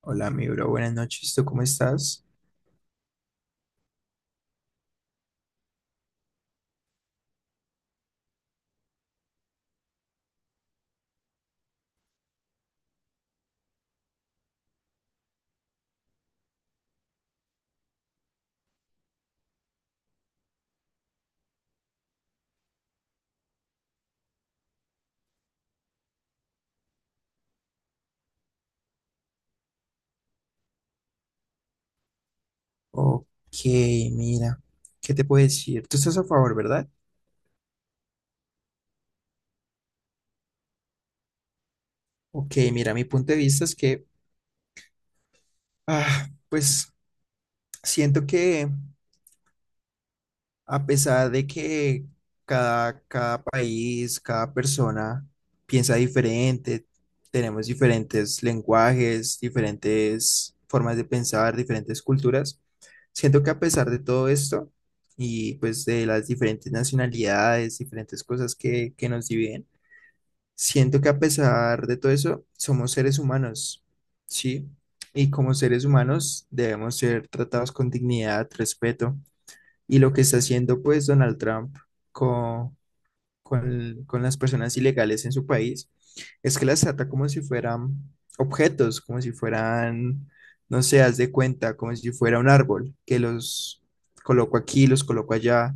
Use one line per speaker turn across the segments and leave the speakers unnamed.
Hola, mi bro, buenas noches. ¿Tú cómo estás? Ok, mira, ¿qué te puedo decir? Tú estás a favor, ¿verdad? Ok, mira, mi punto de vista es que, pues siento que a pesar de que cada país, cada persona piensa diferente, tenemos diferentes lenguajes, diferentes formas de pensar, diferentes culturas, siento que a pesar de todo esto y pues de las diferentes nacionalidades, diferentes cosas que nos dividen, siento que a pesar de todo eso somos seres humanos, ¿sí? Y como seres humanos debemos ser tratados con dignidad, respeto. Y lo que está haciendo pues Donald Trump con, con las personas ilegales en su país es que las trata como si fueran objetos, como si fueran, no sé, haz de cuenta, como si fuera un árbol, que los coloco aquí, los coloco allá,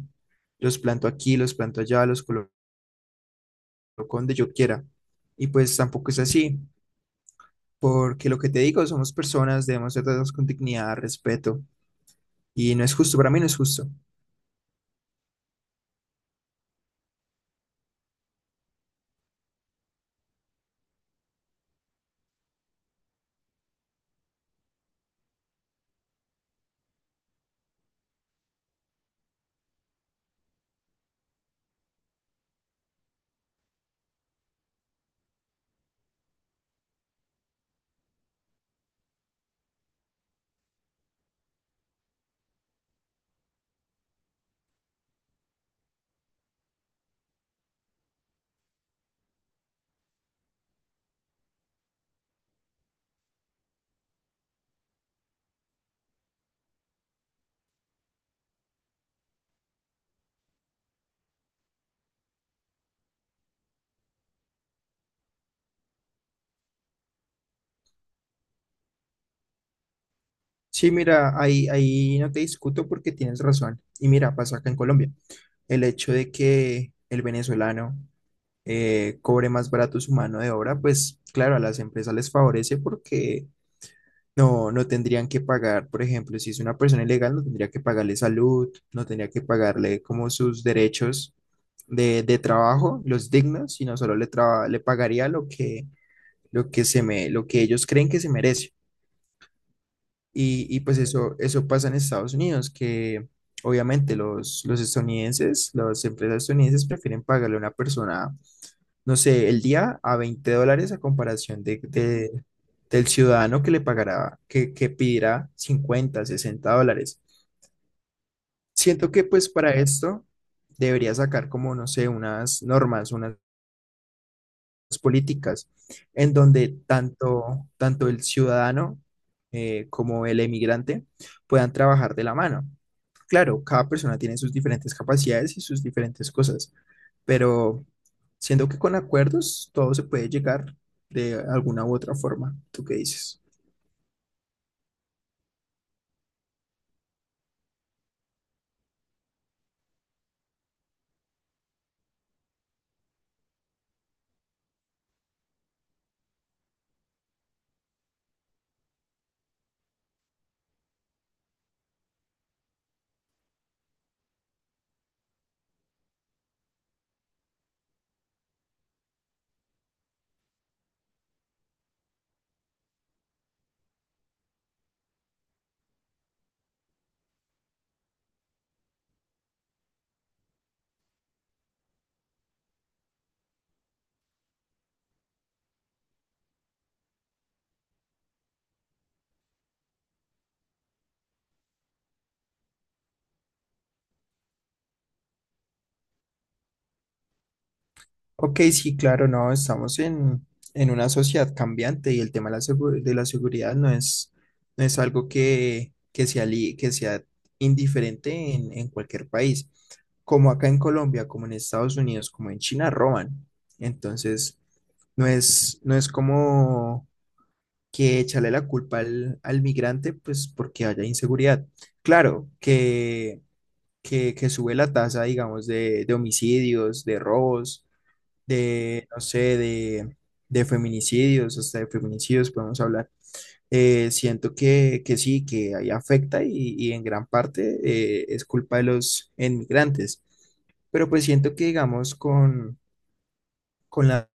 los planto aquí, los planto allá, los coloco donde yo quiera. Y pues tampoco es así, porque lo que te digo, somos personas, debemos tratarnos con dignidad, respeto, y no es justo, para mí no es justo. Sí, mira, ahí no te discuto porque tienes razón. Y mira, pasó acá en Colombia. El hecho de que el venezolano cobre más barato su mano de obra, pues claro, a las empresas les favorece porque no tendrían que pagar, por ejemplo, si es una persona ilegal, no tendría que pagarle salud, no tendría que pagarle como sus derechos de trabajo, los dignos, sino solo le, le pagaría lo lo que se me, lo que ellos creen que se merece. Y pues eso pasa en Estados Unidos, que obviamente los estadounidenses, las empresas estadounidenses prefieren pagarle a una persona, no sé, el día a 20 dólares a comparación de del ciudadano que le pagará, que pedirá 50 60 dólares. Siento que pues para esto debería sacar como, no sé, unas normas, unas políticas, en donde tanto el ciudadano como el emigrante puedan trabajar de la mano. Claro, cada persona tiene sus diferentes capacidades y sus diferentes cosas, pero siendo que con acuerdos todo se puede llegar de alguna u otra forma. ¿Tú qué dices? Ok, sí, claro, no, estamos en una sociedad cambiante y el tema de la, de la seguridad no es, no es algo que sea, que sea indiferente en cualquier país. Como acá en Colombia, como en Estados Unidos, como en China, roban. Entonces, no es, no es como que echarle la culpa al, al migrante, pues porque haya inseguridad. Claro, que sube la tasa, digamos, de homicidios, de robos de, no sé, de feminicidios, hasta de feminicidios podemos hablar. Siento que sí, que ahí afecta y en gran parte es culpa de los inmigrantes. Pero pues siento que, digamos, con, con las,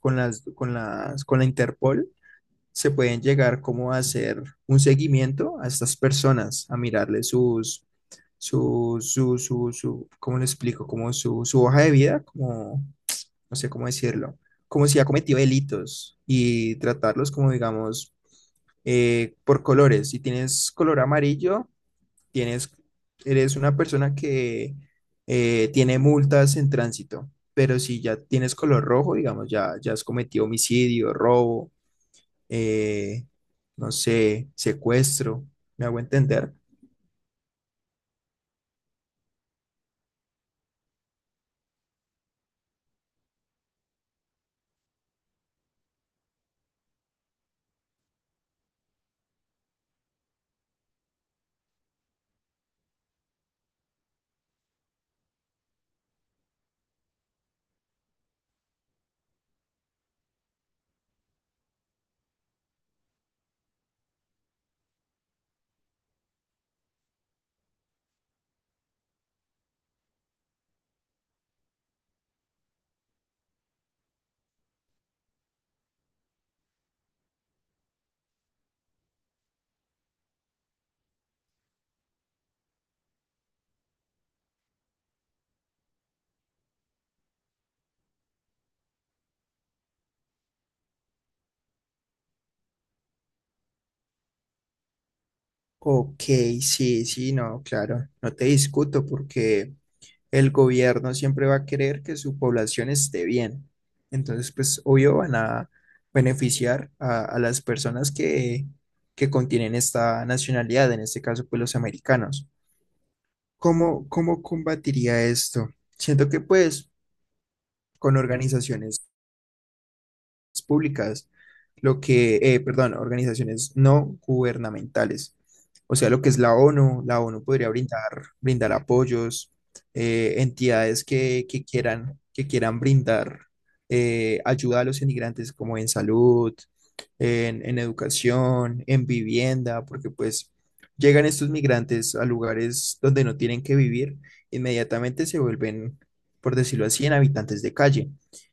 con las, con la Interpol se pueden llegar como a hacer un seguimiento a estas personas, a mirarle sus, su, ¿cómo le explico? Como su hoja de vida, como no sé cómo decirlo, como si ha cometido delitos y tratarlos como, digamos, por colores. Si tienes color amarillo, tienes, eres una persona que tiene multas en tránsito, pero si ya tienes color rojo, digamos, ya has cometido homicidio, robo, eh, no sé, secuestro, ¿me hago entender? Ok, sí, sí, no, claro, no te discuto porque el gobierno siempre va a querer que su población esté bien. Entonces, pues obvio van a beneficiar a las personas que contienen esta nacionalidad, en este caso, pues los americanos. Cómo combatiría esto? Siento que pues con organizaciones públicas, lo que, perdón, organizaciones no gubernamentales, o sea, lo que es la ONU podría brindar, brindar apoyos, entidades que, que quieran brindar ayuda a los inmigrantes como en salud, en educación, en vivienda, porque pues llegan estos migrantes a lugares donde no tienen que vivir, inmediatamente se vuelven, por decirlo así, en habitantes de calle.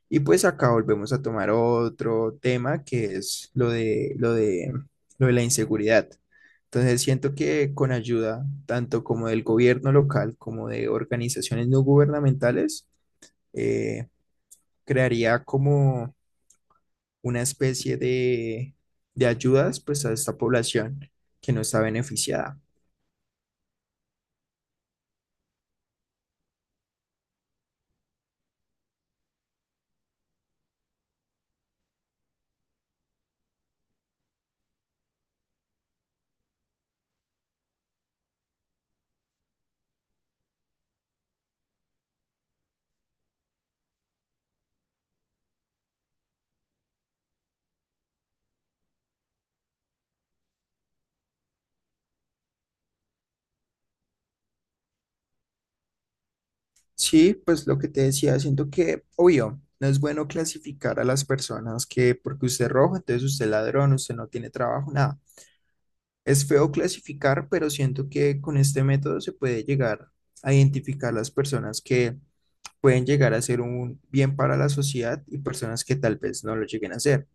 Y pues acá volvemos a tomar otro tema que es lo lo de la inseguridad. Entonces siento que con ayuda tanto como del gobierno local como de organizaciones no gubernamentales, eh, crearía como una especie de ayudas pues a esta población que no está beneficiada. Sí, pues lo que te decía, siento que, obvio, no es bueno clasificar a las personas que porque usted es rojo, entonces usted es ladrón, usted no tiene trabajo, nada. Es feo clasificar, pero siento que con este método se puede llegar a identificar las personas que pueden llegar a ser un bien para la sociedad y personas que tal vez no lo lleguen a ser.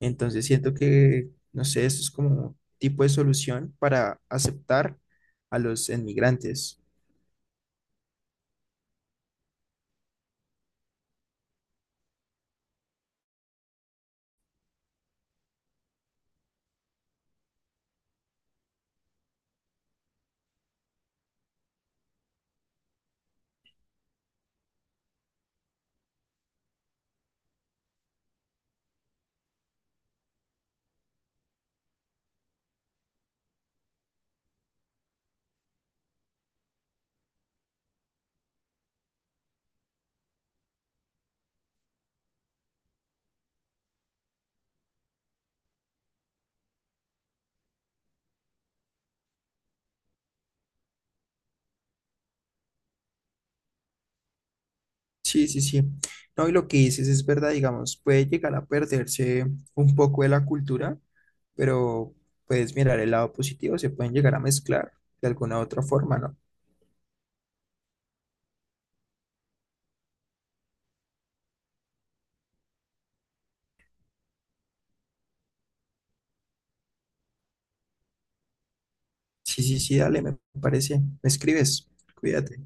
Entonces siento que, no sé, esto es como un tipo de solución para aceptar a los inmigrantes. Sí, sí, sí. No, y lo que dices es verdad, digamos, puede llegar a perderse un poco de la cultura, pero puedes mirar el lado positivo, se pueden llegar a mezclar de alguna u otra forma, ¿no? Sí, sí, sí, dale, me parece. Me escribes. Cuídate.